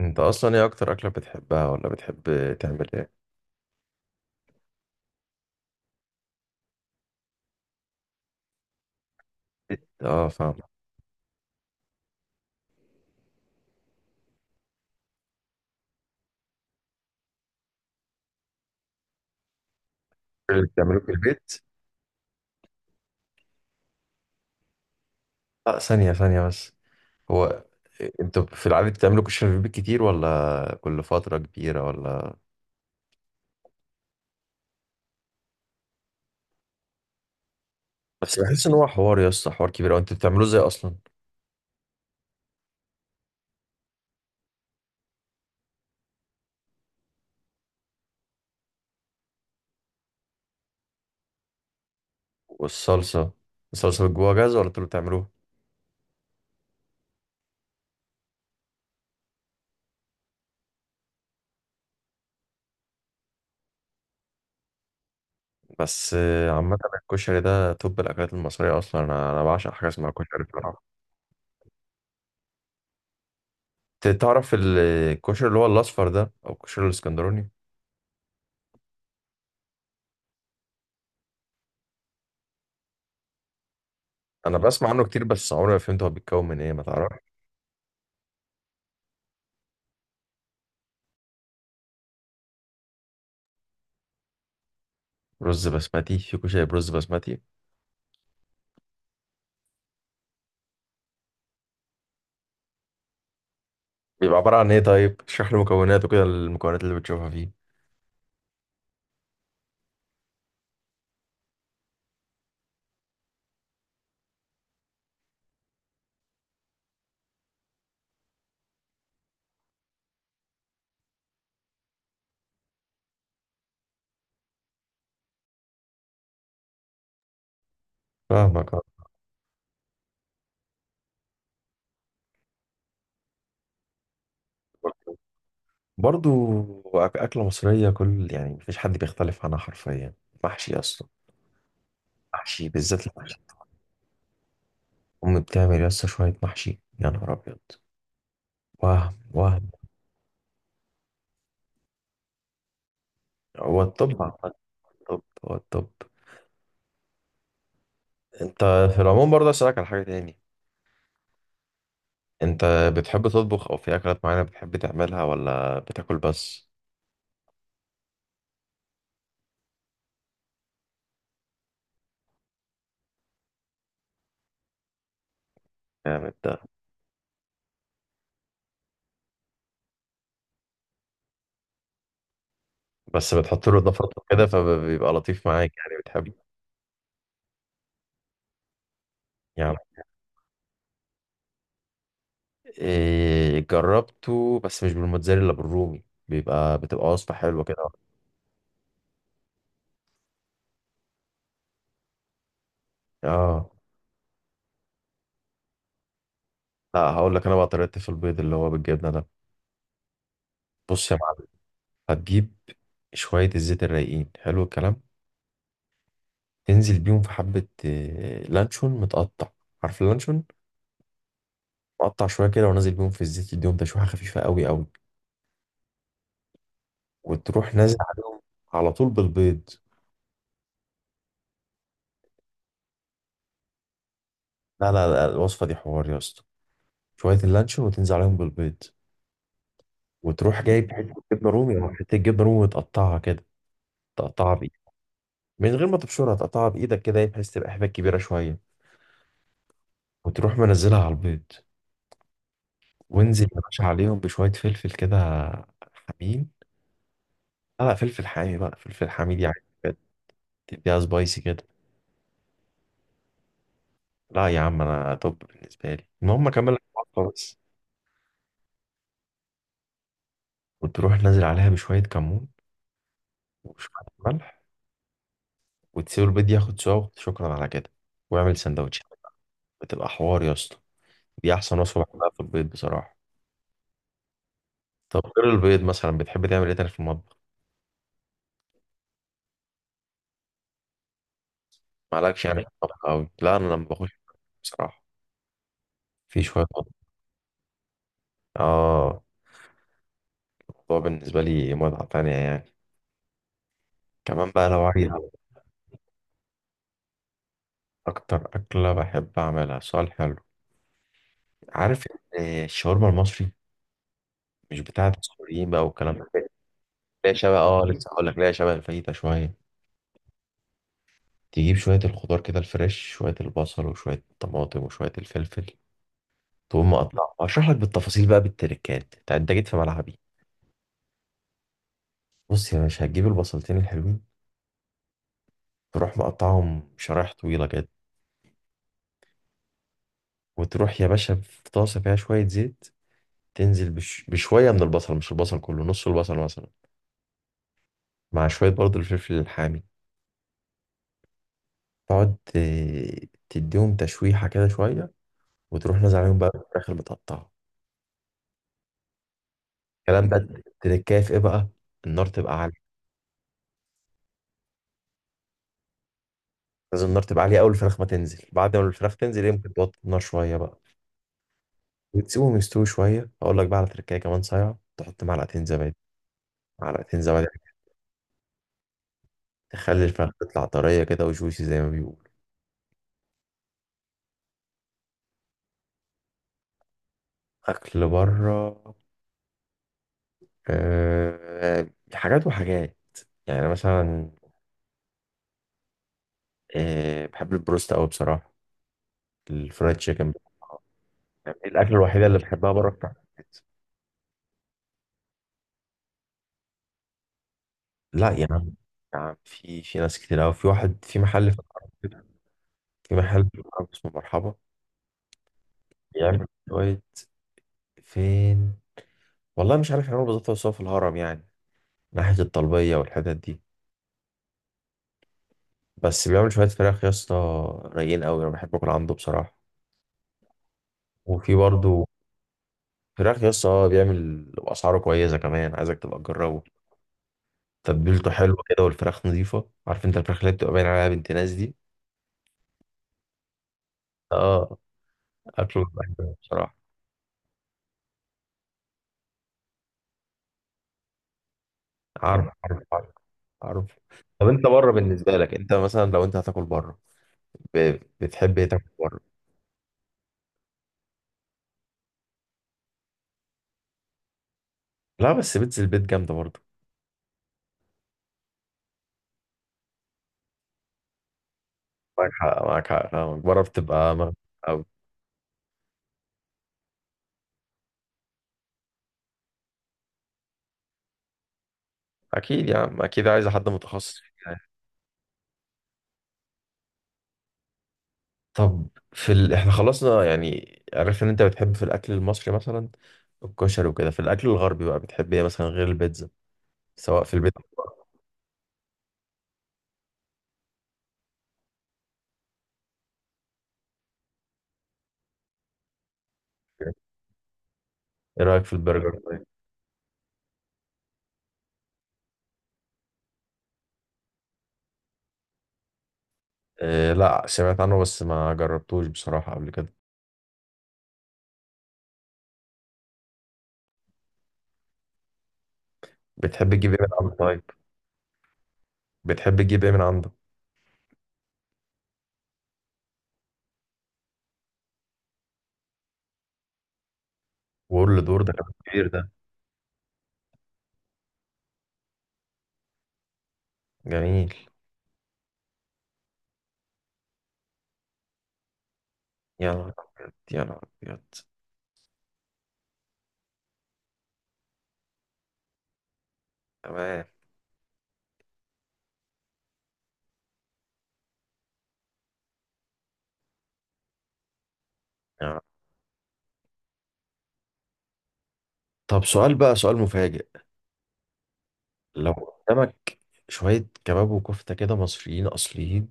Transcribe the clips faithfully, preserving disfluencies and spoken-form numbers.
انت اصلا ايه اكتر اكله بتحبها ولا بتحب تعمل ايه؟ بت- اه، فاهم. اللي بتعملوه في البيت. اه، ثانيه ثانيه بس. هو انتوا في العادة بتعملوا كشري في البيت كتير، ولا كل فترة كبيرة، ولا؟ بس بحس ان هو حوار يا اسطى، حوار كبير، وانتوا بتعملوه ازاي اصلا؟ والصلصة، الصلصة جواها جاهزة، ولا انتوا اللي بتعملوها؟ بس آه، عامة الكشري ده توب الأكلات المصرية أصلا. أنا أنا بعشق حاجة اسمها كشري بصراحة. ت- تعرف ال- الكشري اللي هو الأصفر ده، أو الكشري الإسكندراني؟ انا بسمع عنه كتير بس عمري ما فهمت هو بيتكون من ايه، ما تعرف. رز بسمتي؟ في كشري برز بسمتي؟ بيبقى عبارة عن ايه طيب؟ اشرح لي مكوناته كده، المكونات اللي بتشوفها فيه. فاهمك آه. برضو. أك- أكلة مصرية، كل يعني مفيش حد بيختلف عنها حرفيا. محشي أصلا. محشي، بالذات المحشي. أمي بتعمل يس شوية محشي، يا نهار أبيض. وهم وهم. هو الطب عامة، الطب هو الطب. أنت، في العموم برضه أسألك على حاجة تاني. أنت بتحب تطبخ، أو في أكلات معينة بتحب تعملها، ولا بتاكل بس؟ جامد ده. بس بتحط له اضافات وكده فبيبقى لطيف معاك، يعني بتحبه. يعني إيه، جربته بس مش بالموتزاريلا، بالرومي، بيبقى بتبقى وصفة حلوة كده. اه. لا، هقول لك انا بقى طريقتي في البيض اللي هو بالجبنة ده. بص يا معلم. هتجيب شوية الزيت الرايقين، حلو الكلام. تنزل بيهم في حبة آه، لانشون متقطع. عارف اللانشون؟ مقطع شوية كده، ونازل بيهم في الزيت، يديهم تشويحة خفيفة قوي قوي. وتروح نازل عليهم على طول بالبيض. لا لا لا، الوصفة دي حوار يا اسطى. شوية اللانشون وتنزل عليهم بالبيض. وتروح جايب حتة جبنة رومي، أو حتة جبنة رومي، وتقطعها كده. تقطعها بإيدك، من غير ما تبشرها، تقطعها بإيدك كده إيه، بحيث تبقى حبة كبيرة شوية. وتروح منزلها على البيض. وانزل يا باشا عليهم بشوية فلفل كده حمين. لا لا، فلفل حامي بقى، فلفل حميد يعني. بجد، تديها سبايسي كده. لا يا عم، أنا توب بالنسبة لي، المهم أكمل لك الخلطة بس. وتروح نازل عليها بشوية كمون وشوية ملح. وتسيب البيض ياخد سوا، شكرا على كده، واعمل سندوتش. بتبقى حوار يا اسطى. دي احسن وصفه بحبها في البيض بصراحه. طب غير البيض مثلا، بتحب تعمل ايه تاني في المطبخ؟ مالكش يعني في المطبخ قوي؟ لا، انا لما بخش بصراحه في شويه مطبخ. اه. الموضوع بالنسبه لي متعه تانية يعني. كمان بقى لو عايز. اكتر اكله بحب اعملها؟ سؤال حلو. عارف إن الشاورما المصري، مش بتاعه السوريين بقى والكلام ده؟ ليها شبه، اه لسه هقول لك، ليها شبه الفايته شويه. تجيب شويه الخضار كده، الفريش، شويه البصل وشويه الطماطم وشويه الفلفل. تقوم مقطع، اشرح لك بالتفاصيل بقى، بالتركات. انت أنت جيت في ملعبي. بص يا باشا، هتجيب البصلتين الحلوين. تروح مقطعهم شرايح طويله كده. وتروح يا باشا في طاسه فيها شويه زيت. تنزل بش... بشويه من البصل، مش البصل كله، نص البصل مثلا. مع شويه برضو الفلفل الحامي. تقعد ت- تديهم تشويحه كده شويه. وتروح نازل عليهم بقى الفراخ اللي متقطعه. الكلام ده، التركايه في ايه بقى؟ النار تبقى عاليه. لازم النار تبقى عاليه اول الفراخ ما تنزل. بعد ما الفراخ تنزل يمكن توطي النار شويه بقى. وتسيبهم يستوي شوية. أقول لك بقى، على تركاية كمان صايعة، تحط معلقتين زبادي. معلقتين زبادي. تخلي الفراخ تطلع طرية كده، وجوسي زي ما بيقولوا. أكل بره. أه، حاجات وحاجات. يعني أنا مثلا، أه بحب البروست أوي بصراحة، الفرايد تشيكن. يعني الأكلة الوحيدة اللي بحبها بره بتاع البيت. لا يا عم، يا عم في في ناس كتير أوي، في واحد، في محل في العرب كده. في محل في العرب اسمه مرحبا. بيعمل شوية. فين؟ والله مش عارف يعملوا بالظبط، بس هو في الهرم يعني، ناحية الطلبية والحتت دي. بس بيعمل شوية فراخ يا اسطى رايقين قوي. أنا بحب أكل عنده بصراحة. وفي برضه فراخ يا اسطى، آه، بيعمل بأسعاره كويسة كمان، عايزك تبقى تجربه. تتبيلته حلوة كده، والفراخ نظيفة، عارف أنت الفراخ اللي بتبقى باين عليها بنت ناس دي. اه، أكله بيبقى حلو بصراحة. عارف، عارف، عارف، عارف. طب أنت بره بالنسبة لك، أنت مثلا لو أنت هتاكل بره، ب- بتحب إيه تاكل بره؟ لا، بس بيتزا البيت جامدة برضه. معاك حق، معاك حق، فاهمك، بره بتبقى أوي. اكيد يا عم، اكيد عايز حد متخصص يعني. طب، في ال... احنا خلصنا يعني، عرفنا ان انت بتحب في الاكل المصري مثلا الكشري وكده. في الاكل الغربي بقى بتحب ايه مثلا غير البيتزا، سواء في البيت أو بره؟ ايه رايك في البرجر طيب؟ إيه، لا سمعت عنه بس ما جربتوش بصراحه قبل كده. بتحب تجيب ايه من عنده طيب؟ بتحب تجيب ايه من عنده؟ وورل دور ده كان كبير ده. جميل. يا نهار ابيض، يا نهار ابيض. تمام. يا نهار. طب سؤال بقى، سؤال مفاجئ. لو قدامك شوية كباب وكفتة كده مصريين أصليين،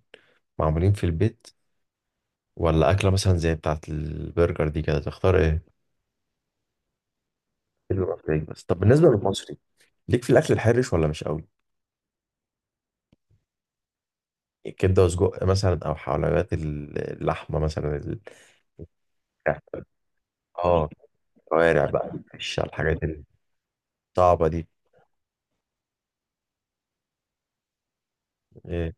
معمولين في البيت، ولا أكلة مثلا زي بتاعة البرجر دي كده، تختار إيه؟ حلو أوي. بس طب بالنسبة للمصري، ليك في الأكل الحرش ولا مش قوي؟ كبدة وسجق مثلا، أو حلويات ال- اللحمة مثلا ال- آه الكوارع بقى، مش على الحاجات الصعبة دي؟ إيه؟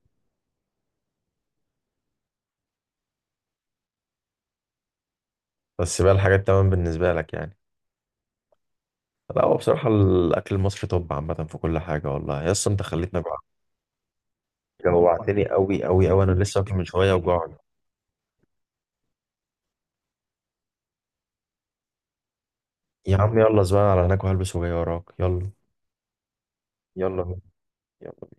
بس بقى الحاجات تمام بالنسبة لك يعني. لا، هو بصراحة الأكل المصري طب عامة في كل حاجة. والله يا اسطى أنت خليتني أجوع. جوعتني أوي أوي أوي، أنا لسه واكل من شوية وجوع. يا عم، يلا زبالة على هناك وهلبس وجاي وراك. يلا. يلا. يلا